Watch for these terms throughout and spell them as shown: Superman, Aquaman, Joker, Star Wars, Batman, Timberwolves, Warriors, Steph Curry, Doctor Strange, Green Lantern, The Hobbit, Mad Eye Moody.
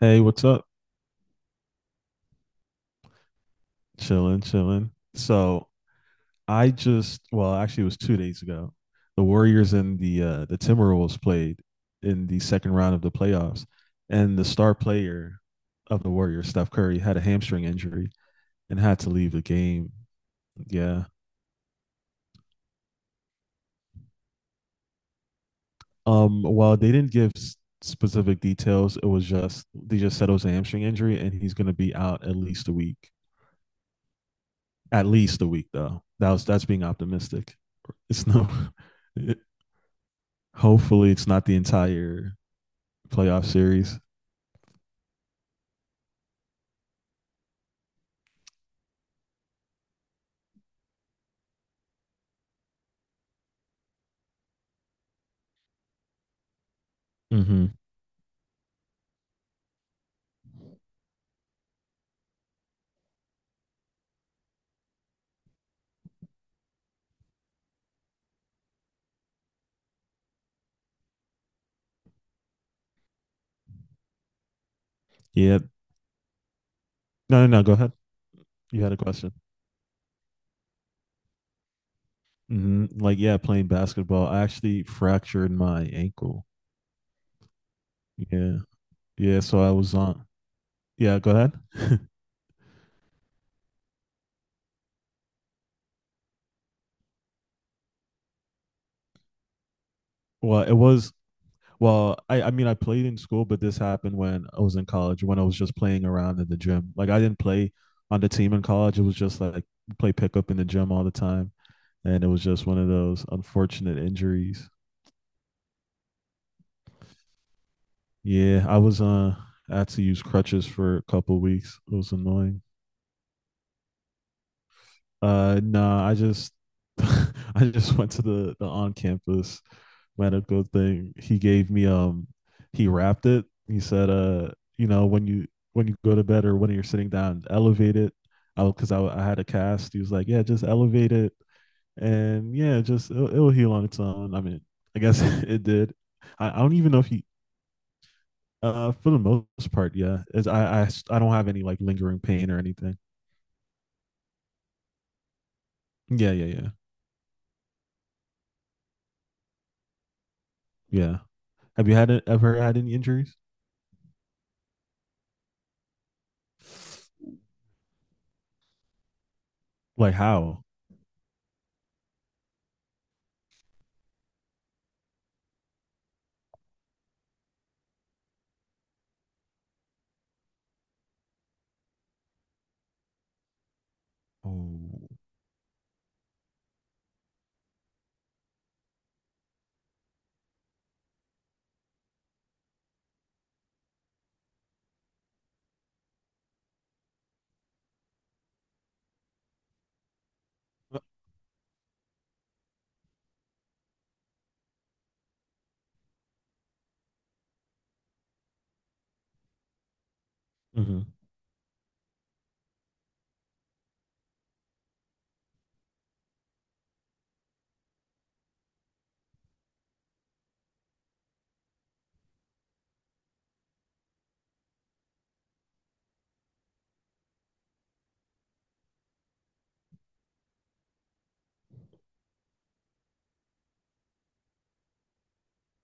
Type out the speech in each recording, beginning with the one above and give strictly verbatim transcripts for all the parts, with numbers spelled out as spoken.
Hey, what's up? Chilling, chilling. So I just, well, actually, it was two days ago. The Warriors and the uh, the Timberwolves played in the second round of the playoffs, and the star player of the Warriors, Steph Curry, had a hamstring injury and had to leave the game. Yeah. Um. While they didn't give s- specific details, it was just they just said it was a hamstring injury, and he's going to be out at least a week. At least a week, though. That was that's being optimistic. It's no. Hopefully, it's not the entire playoff series. Mm-hmm. Yeah. No, no, no, go ahead. You had a question. hmm Like, yeah, playing basketball. I actually fractured my ankle. Yeah. Yeah. So I was on. Yeah, go ahead. Well, it was. Well, I, I mean, I played in school, but this happened when I was in college, when I was just playing around in the gym. Like, I didn't play on the team in college. It was just like play pickup in the gym all the time. And it was just one of those unfortunate injuries. Yeah, I was uh I had to use crutches for a couple of weeks. It was annoying. Uh nah, I just I just went to the the on campus medical thing. He gave me um he wrapped it. He said uh you know when you when you go to bed or when you're sitting down, elevate it. I because I I had a cast. He was like, yeah, just elevate it, and yeah, just it'll, it'll heal on its own. I mean, I guess it did. I, I don't even know if he. Uh, for the most part, yeah. As I, I, I I, s- I don't have any like lingering pain or anything. Yeah, yeah, yeah, yeah. Have you had it, ever had any injuries? Like how? Oh, mm-hmm.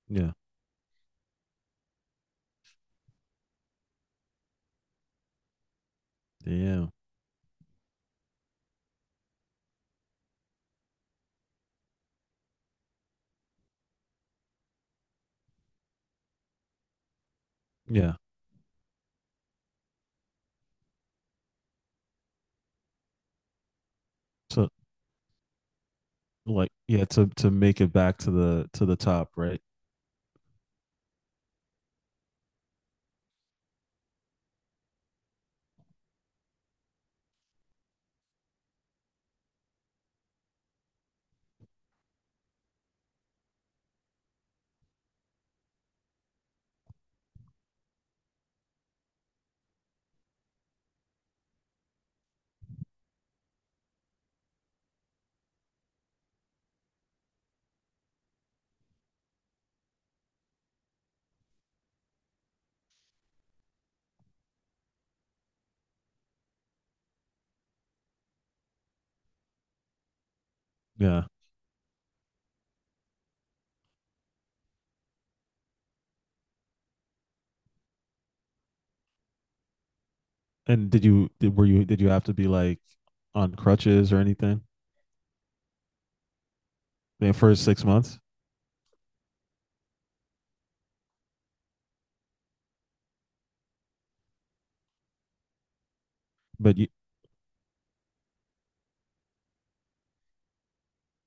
Yeah, yeah, yeah. So like, yeah, to to make it back to the to the top, right? Yeah. And did you did, were you did you have to be like on crutches or anything the first six months? But you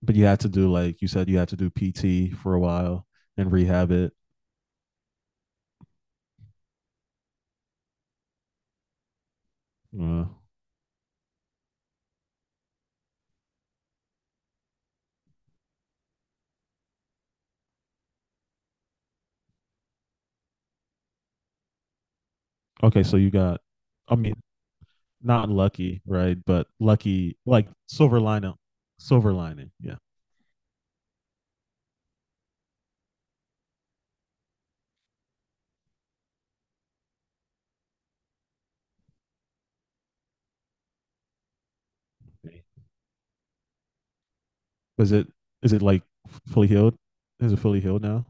but you had to do like you said you had to do P T for a while and rehab it. Uh, Okay, so you got, I mean, not lucky, right? But lucky, like silver lining, silver lining. Yeah. Is it is it like fully healed? Is it fully healed now?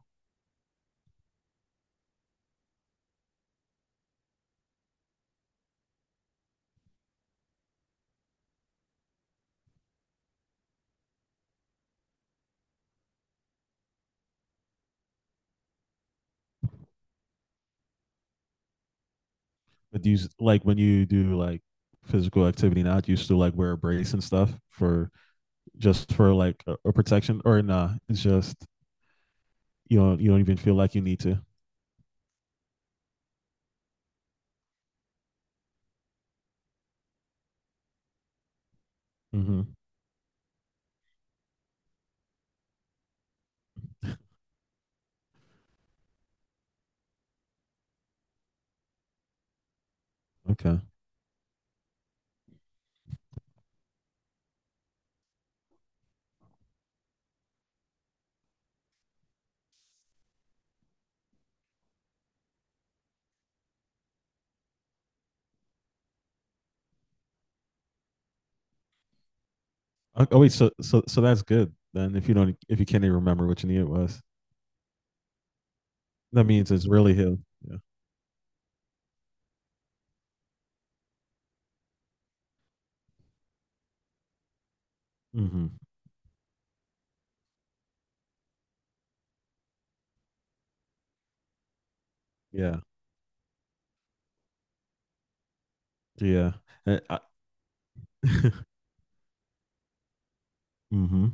But do you s- like when you do like physical activity now? Do you still like wear a brace and stuff for just for like a, a protection or nah? It's just you don't you don't even feel like you need to. hmm Okay. Oh, oh wait, so so so that's good then. If you don't if you can't even remember what your knee was, that means it's really healed. Yeah. Hmm. Yeah. Yeah. And I, hmm,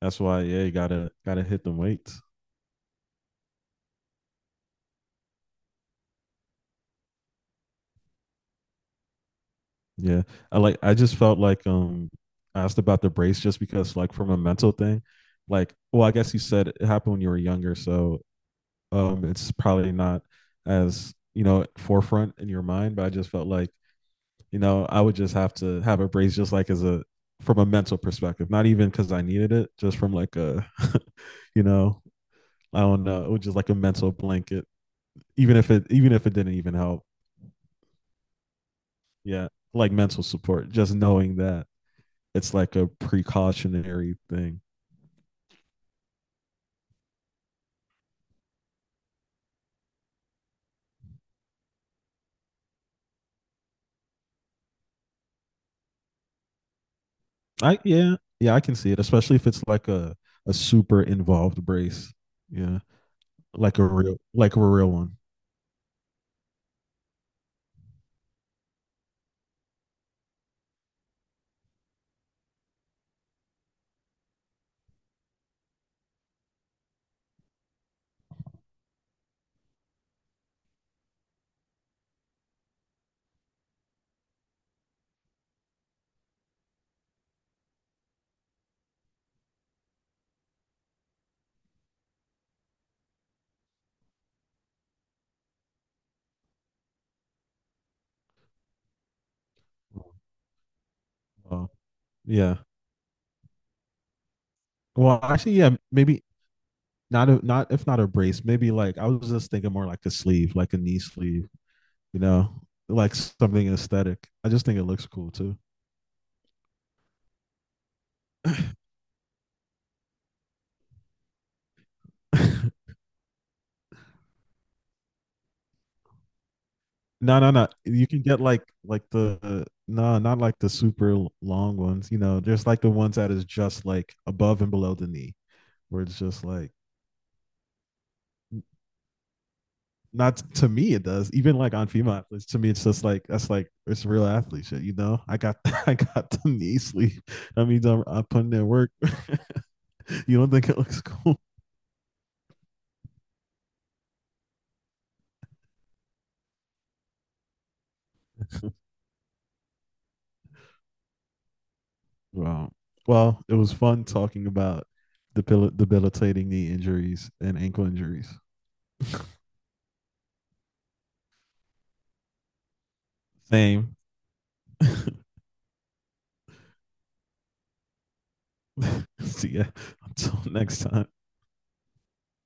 that's why, yeah, you gotta gotta hit them weights. Yeah. I like I just felt like um I asked about the brace just because like from a mental thing, like well, I guess you said it happened when you were younger, so um it's probably not as, you know, forefront in your mind, but I just felt like, you know, I would just have to have a brace just like as a from a mental perspective, not even because I needed it, just from like a, you know, I don't know, it was just like a mental blanket even if it even if it didn't even help. Yeah, like mental support, just knowing that it's like a precautionary thing. I yeah, yeah, I can see it, especially if it's like a a super involved brace. Yeah, like a real like a real one. Oh, yeah. Well, actually, yeah, maybe not a not if not a brace, maybe like I was just thinking more like a sleeve, like a knee sleeve, you know, like something aesthetic. I just think it looks cool too. No, no, no. You can get like like the no, not like the super l- long ones. You know, there's like the ones that is just like above and below the knee, where it's just like not to me it does. Even like on female athletes, to me it's just like that's like it's real athlete shit. You know, I got I got the knee sleeve. That means I'm, I'm putting in work. You don't think it looks cool? Wow. Well, it was fun talking about debil- debilitating knee injuries and ankle injuries. Same. See ya. Until next time.